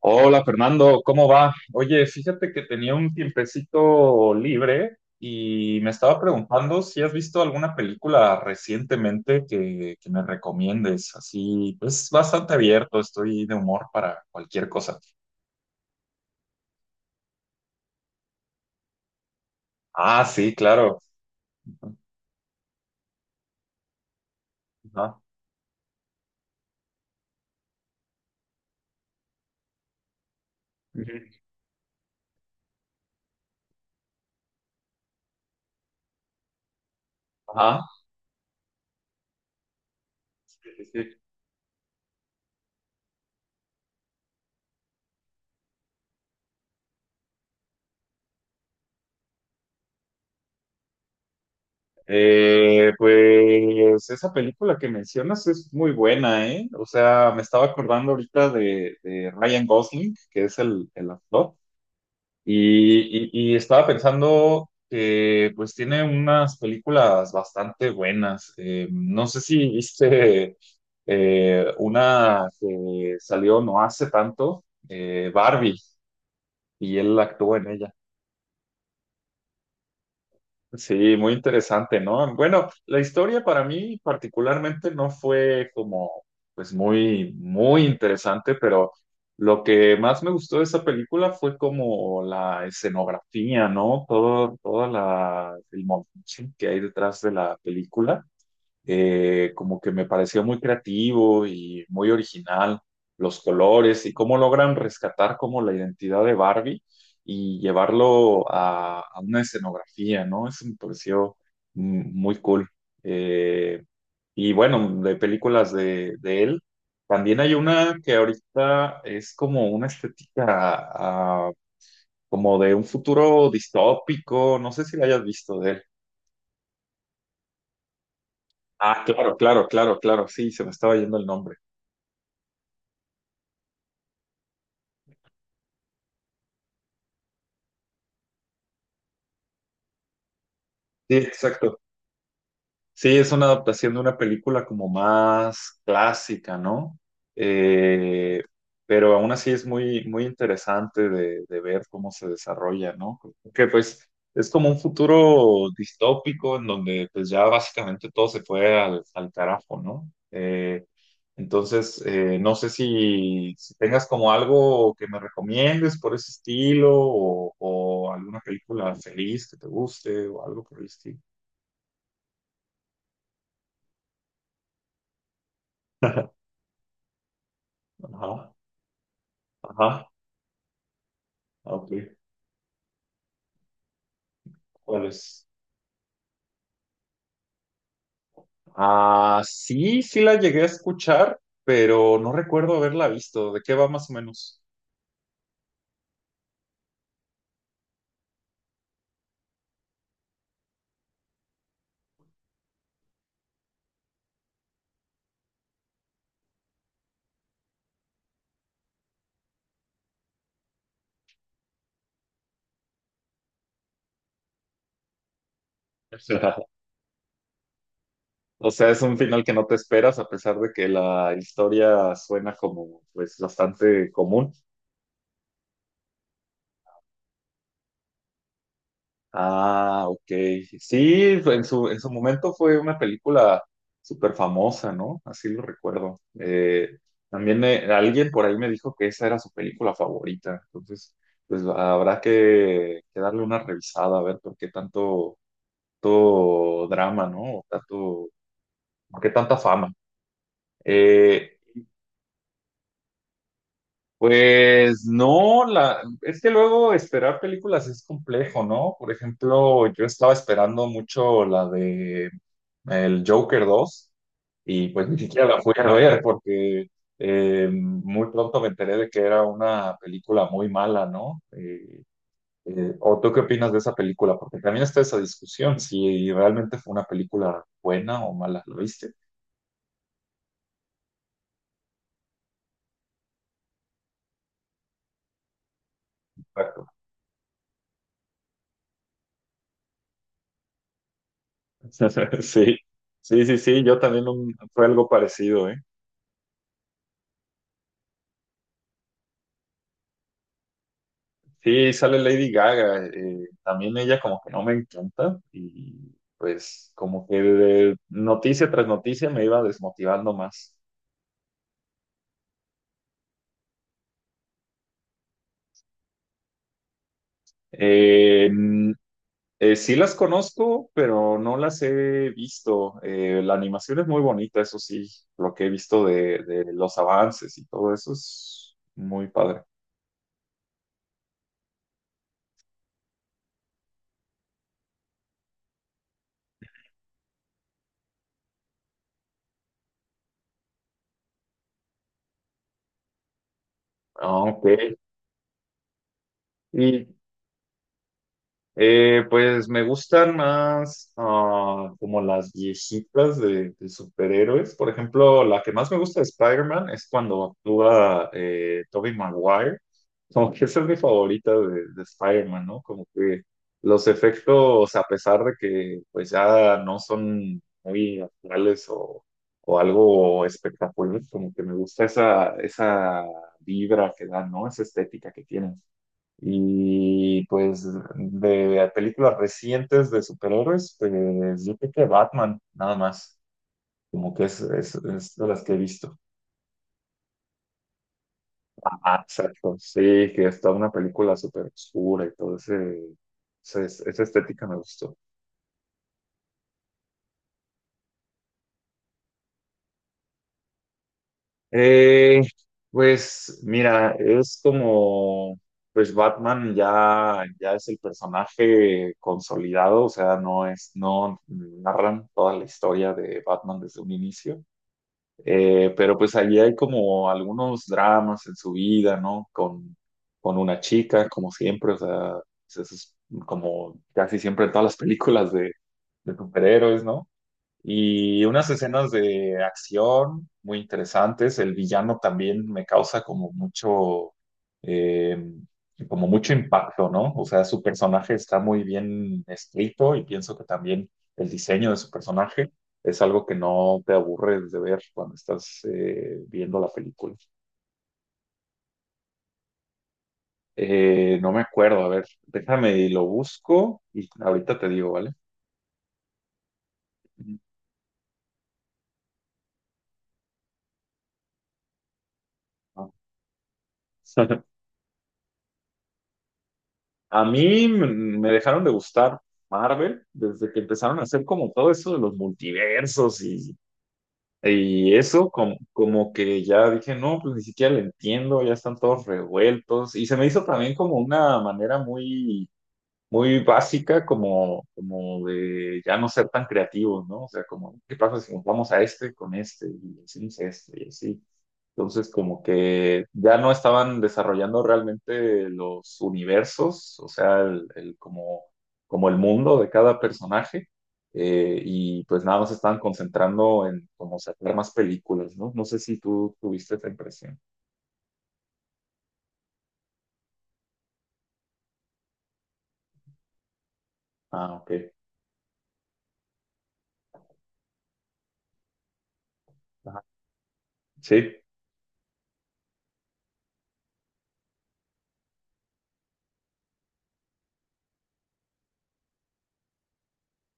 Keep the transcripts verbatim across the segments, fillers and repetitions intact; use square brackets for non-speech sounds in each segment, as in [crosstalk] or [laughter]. Hola Fernando, ¿cómo va? Oye, fíjate que tenía un tiempecito libre y me estaba preguntando si has visto alguna película recientemente que, que me recomiendes. Así, pues bastante abierto, estoy de humor para cualquier cosa. Ah, sí, claro. Ajá. Ujú. Ajá. Sí, sí, sí. Eh, pues esa película que mencionas es muy buena, ¿eh? O sea, me estaba acordando ahorita de, de Ryan Gosling, que es el, el actor. Y, y- y estaba pensando que pues tiene unas películas bastante buenas. Eh, no sé si viste eh, una que salió no hace tanto, eh, Barbie, y él actuó en ella. Sí, muy interesante, ¿no? Bueno, la historia para mí particularmente no fue como, pues muy, muy interesante, pero lo que más me gustó de esa película fue como la escenografía, ¿no? Todo, toda la, el montaje que hay detrás de la película eh, como que me pareció muy creativo y muy original los colores y cómo logran rescatar como la identidad de Barbie y llevarlo a, a una escenografía, ¿no? Eso me pareció mm, muy cool. Eh, y bueno, de películas de, de él, también hay una que ahorita es como una estética ah, como de un futuro distópico, no sé si la hayas visto de él. Ah, claro, claro, claro, claro, sí, se me estaba yendo el nombre. Sí, exacto. Sí, es una adaptación de una película como más clásica, ¿no? Eh, pero aún así es muy, muy interesante de, de ver cómo se desarrolla, ¿no? Que pues es como un futuro distópico en donde pues ya básicamente todo se fue al, al carajo, ¿no? Eh, entonces, eh, no sé si, si tengas como algo que me recomiendes por ese estilo o, o alguna película feliz que te guste o algo por el estilo. Ajá. Ajá, ok. ¿Cuál es? Ah, sí, sí la llegué a escuchar, pero no recuerdo haberla visto. ¿De qué va más o menos? [laughs] O sea, es un final que no te esperas, a pesar de que la historia suena como, pues, bastante común. Ah, ok. Sí, fue- en su, en su momento fue una película súper famosa, ¿no? Así lo recuerdo. Eh, también eh, alguien por ahí me dijo que esa era su película favorita. Entonces, pues habrá que, que darle una revisada a ver por qué tanto, tanto drama, ¿no? O tanto, por qué tanta fama. Eh, Pues no, la, es que luego esperar películas es complejo, ¿no? Por ejemplo, yo estaba esperando mucho la de el Joker dos y pues [laughs] ni siquiera la fui a ver porque eh, muy pronto me enteré de que era una película muy mala, ¿no? Eh, eh, ¿o tú qué opinas de esa película? Porque también está esa discusión, si realmente fue una película buena o mala, ¿lo viste? Exacto. [laughs] Sí, sí, sí, sí, yo también un- fue algo parecido, ¿eh? Sí, sale Lady Gaga. Eh, también ella como que no me encanta y pues como que de noticia tras noticia me iba desmotivando más. Eh, mm, eh, sí las conozco, pero no las he visto. Eh, la animación es muy bonita, eso sí, lo que he visto de, de los avances y todo eso es muy padre. Ah, ok. ¿Y Eh, pues me gustan más ah, como las viejitas de, de superhéroes. Por ejemplo, la que más me gusta de Spider-Man es cuando actúa eh, Tobey Maguire. [laughs] Como que esa es mi favorita de, de Spider-Man, ¿no? Como que los efectos, a pesar de que pues ya no son muy actuales o, o algo espectacular, como que me gusta esa, esa vibra que dan, ¿no? Esa estética que tienen. Y pues de películas recientes de superhéroes, pues yo creo que Batman, nada más. Como que es, es, es de las que he visto. Ah, exacto. Sí, que está una película súper oscura y todo ese, ese- esa estética me gustó. Eh, pues mira, es como, pues Batman ya, ya es el personaje consolidado, o sea, no es, no narran toda la historia de Batman desde un inicio. Eh, pero pues allí hay como algunos dramas en su vida, ¿no? Con, con una chica, como siempre, o sea, pues, eso es como casi siempre en todas las [laughs] películas de, de superhéroes, ¿no? Y unas escenas de acción muy interesantes. El villano también me causa como mucho, eh, como mucho impacto, ¿no? O sea, su personaje está muy bien escrito y pienso que también el diseño de su personaje es algo que no te aburre de ver cuando estás eh, viendo la película. Eh, no me acuerdo, a ver, déjame y lo busco y ahorita te digo, ¿vale? Ujú. Ah. [laughs] A mí me me dejaron de gustar Marvel desde que empezaron a hacer como todo eso de los multiversos y, y eso, como, como que ya dije, no, pues ni siquiera lo entiendo, ya están todos revueltos. Y se me hizo también como una manera muy, muy básica, como, como de ya no ser tan creativos, ¿no? O sea, como, ¿qué pasa si nos vamos a este con este y hacemos este y así? Entonces, como que ya no estaban desarrollando realmente los universos, o sea, el, el como, como el mundo de cada personaje, eh, y pues nada más estaban concentrando en como sacar más películas, ¿no? No sé si tú tuviste esa impresión. Ah, ok. Ajá. Sí,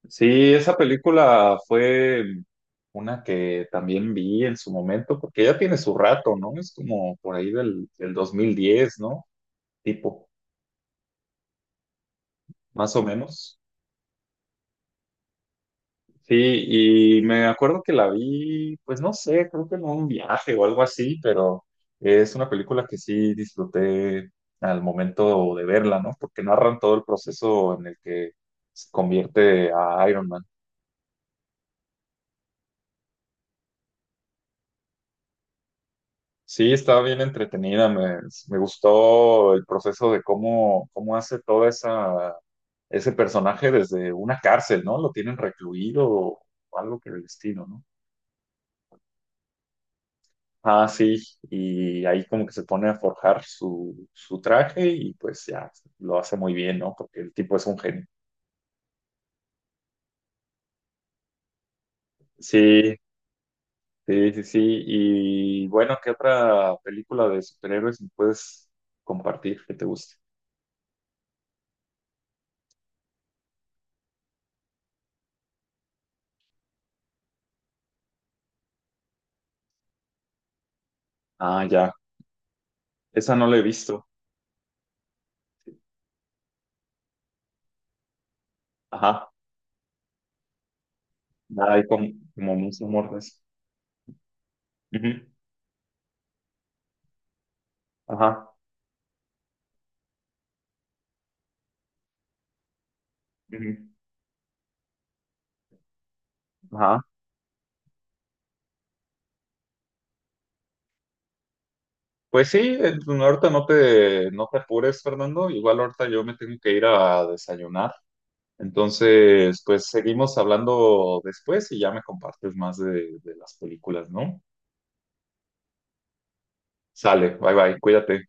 sí, esa película fue una que también vi en su momento, porque ya tiene su rato, ¿no? Es como por ahí del, del dos mil diez, ¿no? Tipo, más o menos. Sí, y me acuerdo que la vi, pues no sé, creo que en un viaje o algo así, pero es una película que sí disfruté al momento de verla, ¿no? Porque narran todo el proceso en el que se convierte a Iron Man. Sí, estaba bien entretenida, me, me gustó el proceso de cómo, cómo hace toda esa, ese personaje desde una cárcel, ¿no? Lo tienen recluido o algo que el destino, ¿no? Ah, sí, y ahí como que se pone a forjar su, su traje y pues ya lo hace muy bien, ¿no? Porque el tipo es un genio. Sí, sí, sí, sí. Y bueno, ¿qué otra película de superhéroes me puedes compartir que te guste? Ah, ya. Esa no la he visto. Ajá. Hay como, como muchos mordes. Ajá. Ujú. Ajá. Pues sí, eh, ahorita no te, no te apures, Fernando. Igual ahorita yo me tengo que ir a desayunar. Entonces, pues seguimos hablando después y ya me compartes más de, de las películas, ¿no? Sale, bye bye, cuídate.